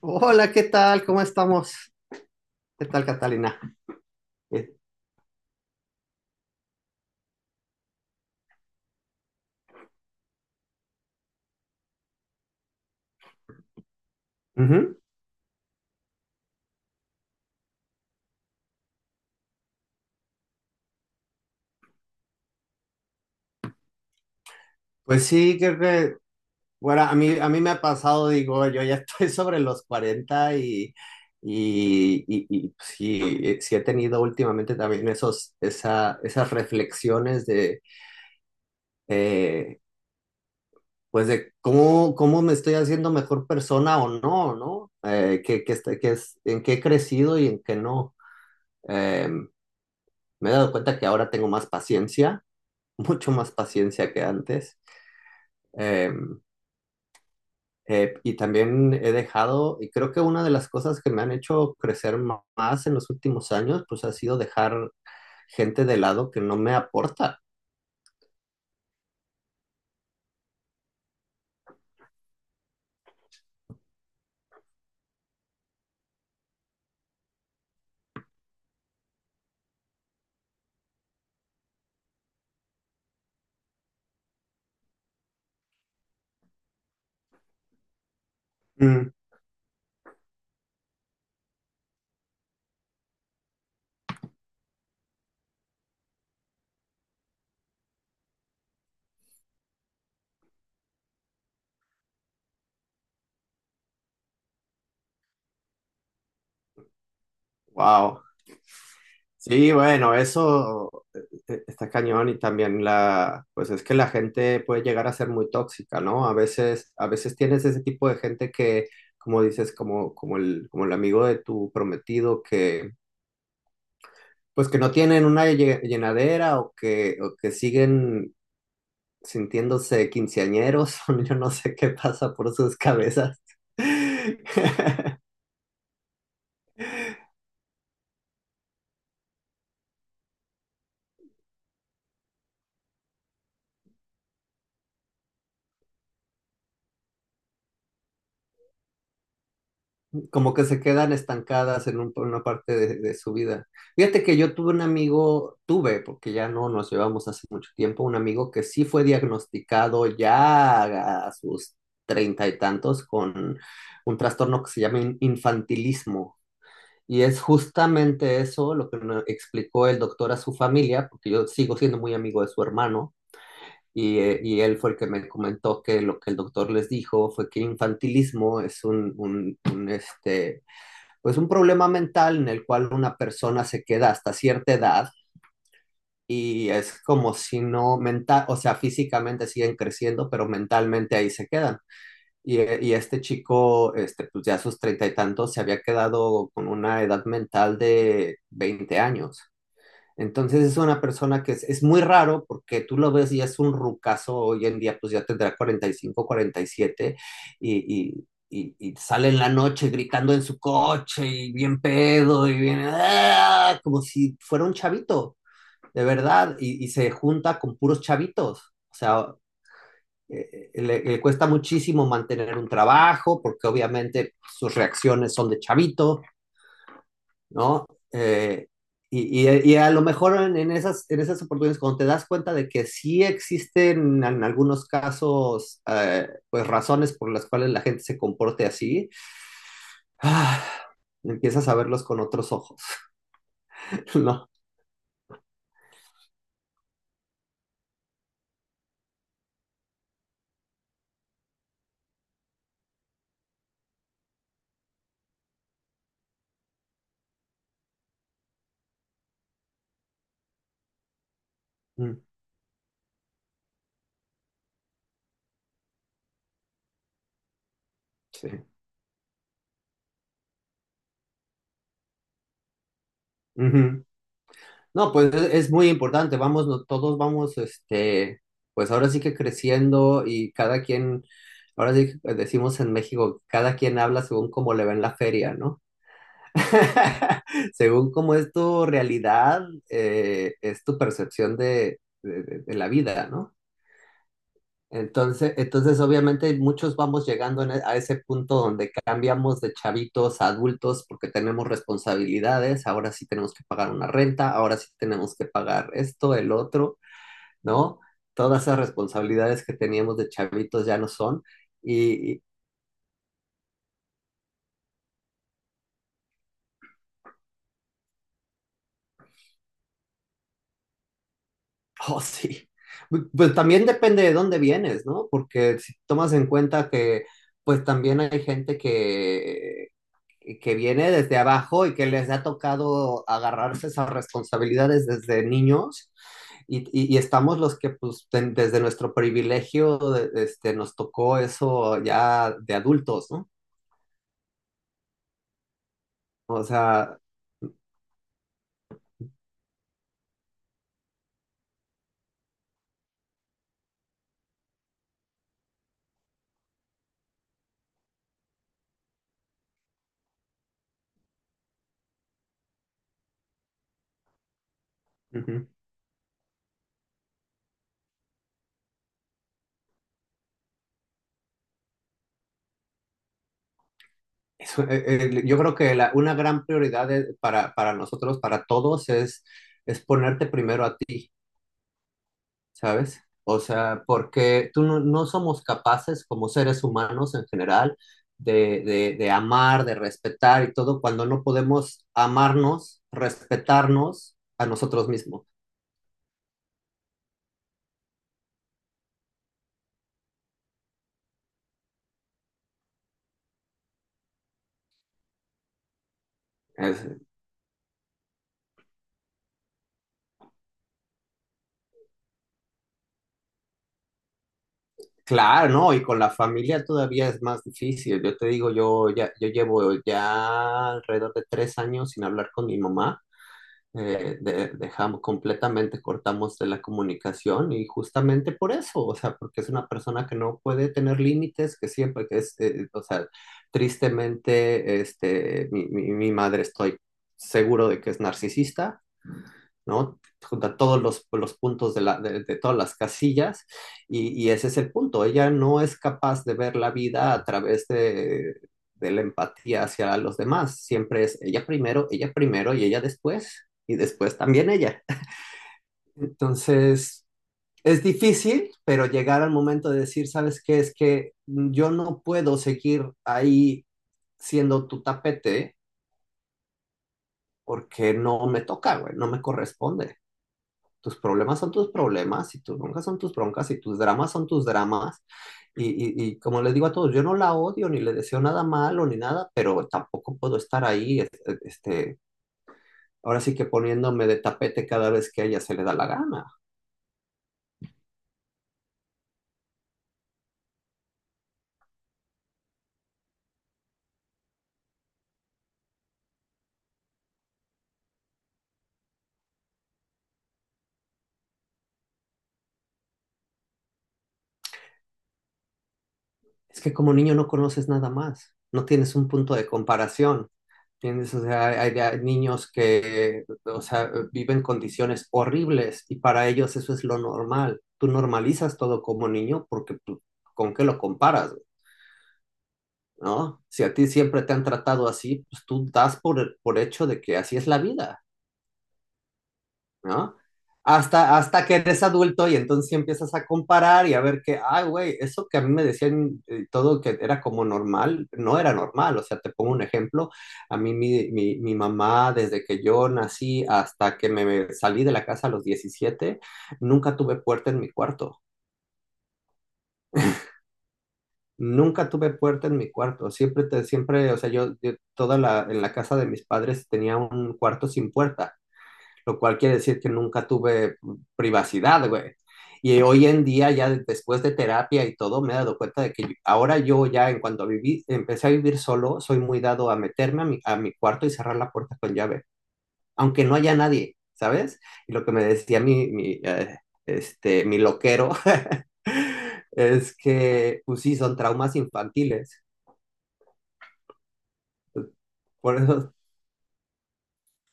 Hola, ¿qué tal? ¿Cómo estamos? ¿Qué tal, Catalina? Eh, ujú. Pues sí, creo que, bueno, a mí me ha pasado, digo, yo ya estoy sobre los 40 y pues, sí, sí he tenido últimamente también esas reflexiones de, eh, pues de cómo me estoy haciendo mejor persona o no, ¿no? Que es, en qué he crecido y en qué no. Em, Me he dado cuenta que ahora tengo más paciencia, mucho más paciencia que antes. Em, y también he dejado, y creo que una de las cosas que me han hecho más en los últimos años, pues ha sido dejar gente de lado que no me aporta. Mm. Wow. Sí, bueno, eso está cañón y también pues es que la gente puede llegar a ser muy tóxica, ¿no? A veces tienes ese tipo de gente que, como dices, como el amigo de tu prometido, que, pues que no tienen una llenadera o que siguen sintiéndose quinceañeros. Yo no sé qué pasa por sus cabezas. Como que se quedan estancadas en una parte de su vida. Fíjate que yo tuve un amigo, tuve, porque ya no nos llevamos hace mucho tiempo, un amigo que sí fue diagnosticado ya a sus treinta y tantos con un trastorno que se llama infantilismo. Y es justamente eso lo que me explicó el doctor a su familia, porque yo sigo siendo muy amigo de su hermano. Y y él fue el que me comentó que lo que el doctor les dijo fue que infantilismo es un pues un problema mental en el cual una persona se queda hasta cierta edad, y es como si no mental, o sea, físicamente siguen creciendo, pero mentalmente ahí se quedan. Y este chico, este, pues ya a sus treinta y tantos, se había quedado con una edad mental de 20 años. Entonces es una persona que es muy raro porque tú lo ves y es un rucazo hoy en día, pues ya tendrá 45, 47 y, siete y sale en la noche gritando en su coche y bien pedo y bien, ¡ah!, como si fuera un chavito, de verdad, y se junta con puros chavitos. O sea, le cuesta muchísimo mantener un trabajo porque obviamente sus reacciones son de chavito, ¿no? Y a lo mejor en esas oportunidades, cuando te das cuenta de que sí existen en algunos casos, pues razones por las cuales la gente se comporte así, ah, empiezas a verlos con otros ojos, ¿no? Mm, sí. Ujú. No, pues es muy importante, vamos, todos vamos, este, pues ahora sí que creciendo y cada quien, ahora sí que decimos en México, cada quien habla según cómo le va en la feria, ¿no? Según cómo es tu realidad, es tu percepción de la vida, ¿no? Entonces obviamente muchos vamos llegando a ese punto donde cambiamos de chavitos a adultos porque tenemos responsabilidades, ahora sí tenemos que pagar una renta, ahora sí tenemos que pagar esto, el otro, ¿no? Todas esas responsabilidades que teníamos de chavitos ya no son. Oh, sí. Pues también depende de dónde vienes, ¿no? Porque si tomas en cuenta que pues también hay gente que viene desde abajo y que les ha tocado agarrarse esas responsabilidades desde niños, y estamos los que pues desde nuestro privilegio este, nos tocó eso ya de adultos, ¿no? O sea, ujú. Eso, yo creo que una gran prioridad para nosotros, para todos, es ponerte primero a ti, ¿sabes? O sea, porque tú no, no somos capaces como seres humanos en general de amar, de respetar y todo cuando no podemos amarnos, respetarnos a nosotros mismos. Es- claro, ¿no? Y con la familia todavía es más difícil. Yo te digo, yo ya, yo llevo ya alrededor de 3 años sin hablar con mi mamá. Dejamos completamente, cortamos de la comunicación y justamente por eso, o sea, porque es una persona que no puede tener límites, que siempre que es, o sea, tristemente, este, mi madre estoy seguro de que es narcisista, ¿no? Junta todos los puntos de todas las casillas, ese es el punto. Ella no es capaz de ver la vida a través de la empatía hacia los demás. Siempre es ella primero y ella después y después también ella. Entonces, es difícil, pero llegar al momento de decir, ¿sabes qué? Es que yo no puedo seguir ahí siendo tu tapete porque no me toca, güey, no me corresponde. Tus problemas son tus problemas y tus broncas son tus broncas y tus dramas son tus dramas. Como les digo a todos, yo no la odio ni le deseo nada malo ni nada, pero tampoco puedo estar ahí, este, ahora sí que poniéndome de tapete cada vez que a ella se le da la gana. Es que como niño no conoces nada más, no tienes un punto de comparación. ¿Entiendes? O sea, hay niños que, o sea, viven condiciones horribles y para ellos eso es lo normal. Tú normalizas todo como niño porque tú, ¿con qué lo comparas? ¿No? Si a ti siempre te han tratado así, pues tú das por hecho de que así es la vida, ¿no? Hasta que eres adulto y entonces sí empiezas a comparar y a ver que, ay, güey, eso que a mí me decían todo que era como normal, no era normal. O sea, te pongo un ejemplo. A mí mi mamá, desde que yo nací hasta que me salí de la casa a los 17 nunca tuve puerta en mi cuarto. Nunca tuve puerta en mi cuarto, siempre, te, siempre, o sea, yo toda la, en la casa de mis padres tenía un cuarto sin puerta, lo cual quiere decir que nunca tuve privacidad, güey. Y hoy en día, ya después de terapia y todo, me he dado cuenta de que ahora yo ya, en cuanto viví, empecé a vivir solo, soy muy dado a meterme a a mi cuarto y cerrar la puerta con llave, aunque no haya nadie, ¿sabes? Y lo que me decía mi loquero es que, pues sí, son traumas infantiles. Por eso,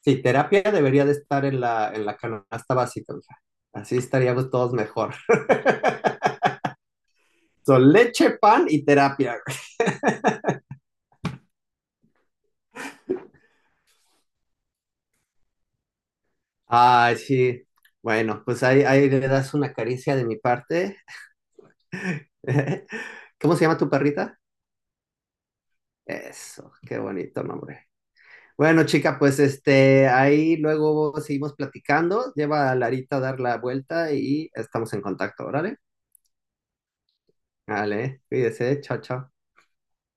sí, terapia debería de estar en en la canasta básica, mija. Así estaríamos todos mejor. Son leche, pan y terapia. Ay, sí. Bueno, pues ahí le das una caricia de mi parte. ¿Cómo se llama tu perrita? Eso, qué bonito nombre. Bueno, chica, pues este, ahí luego seguimos platicando. Lleva a Larita a dar la vuelta y estamos en contacto, ¿vale? Vale, cuídese, chao, chao.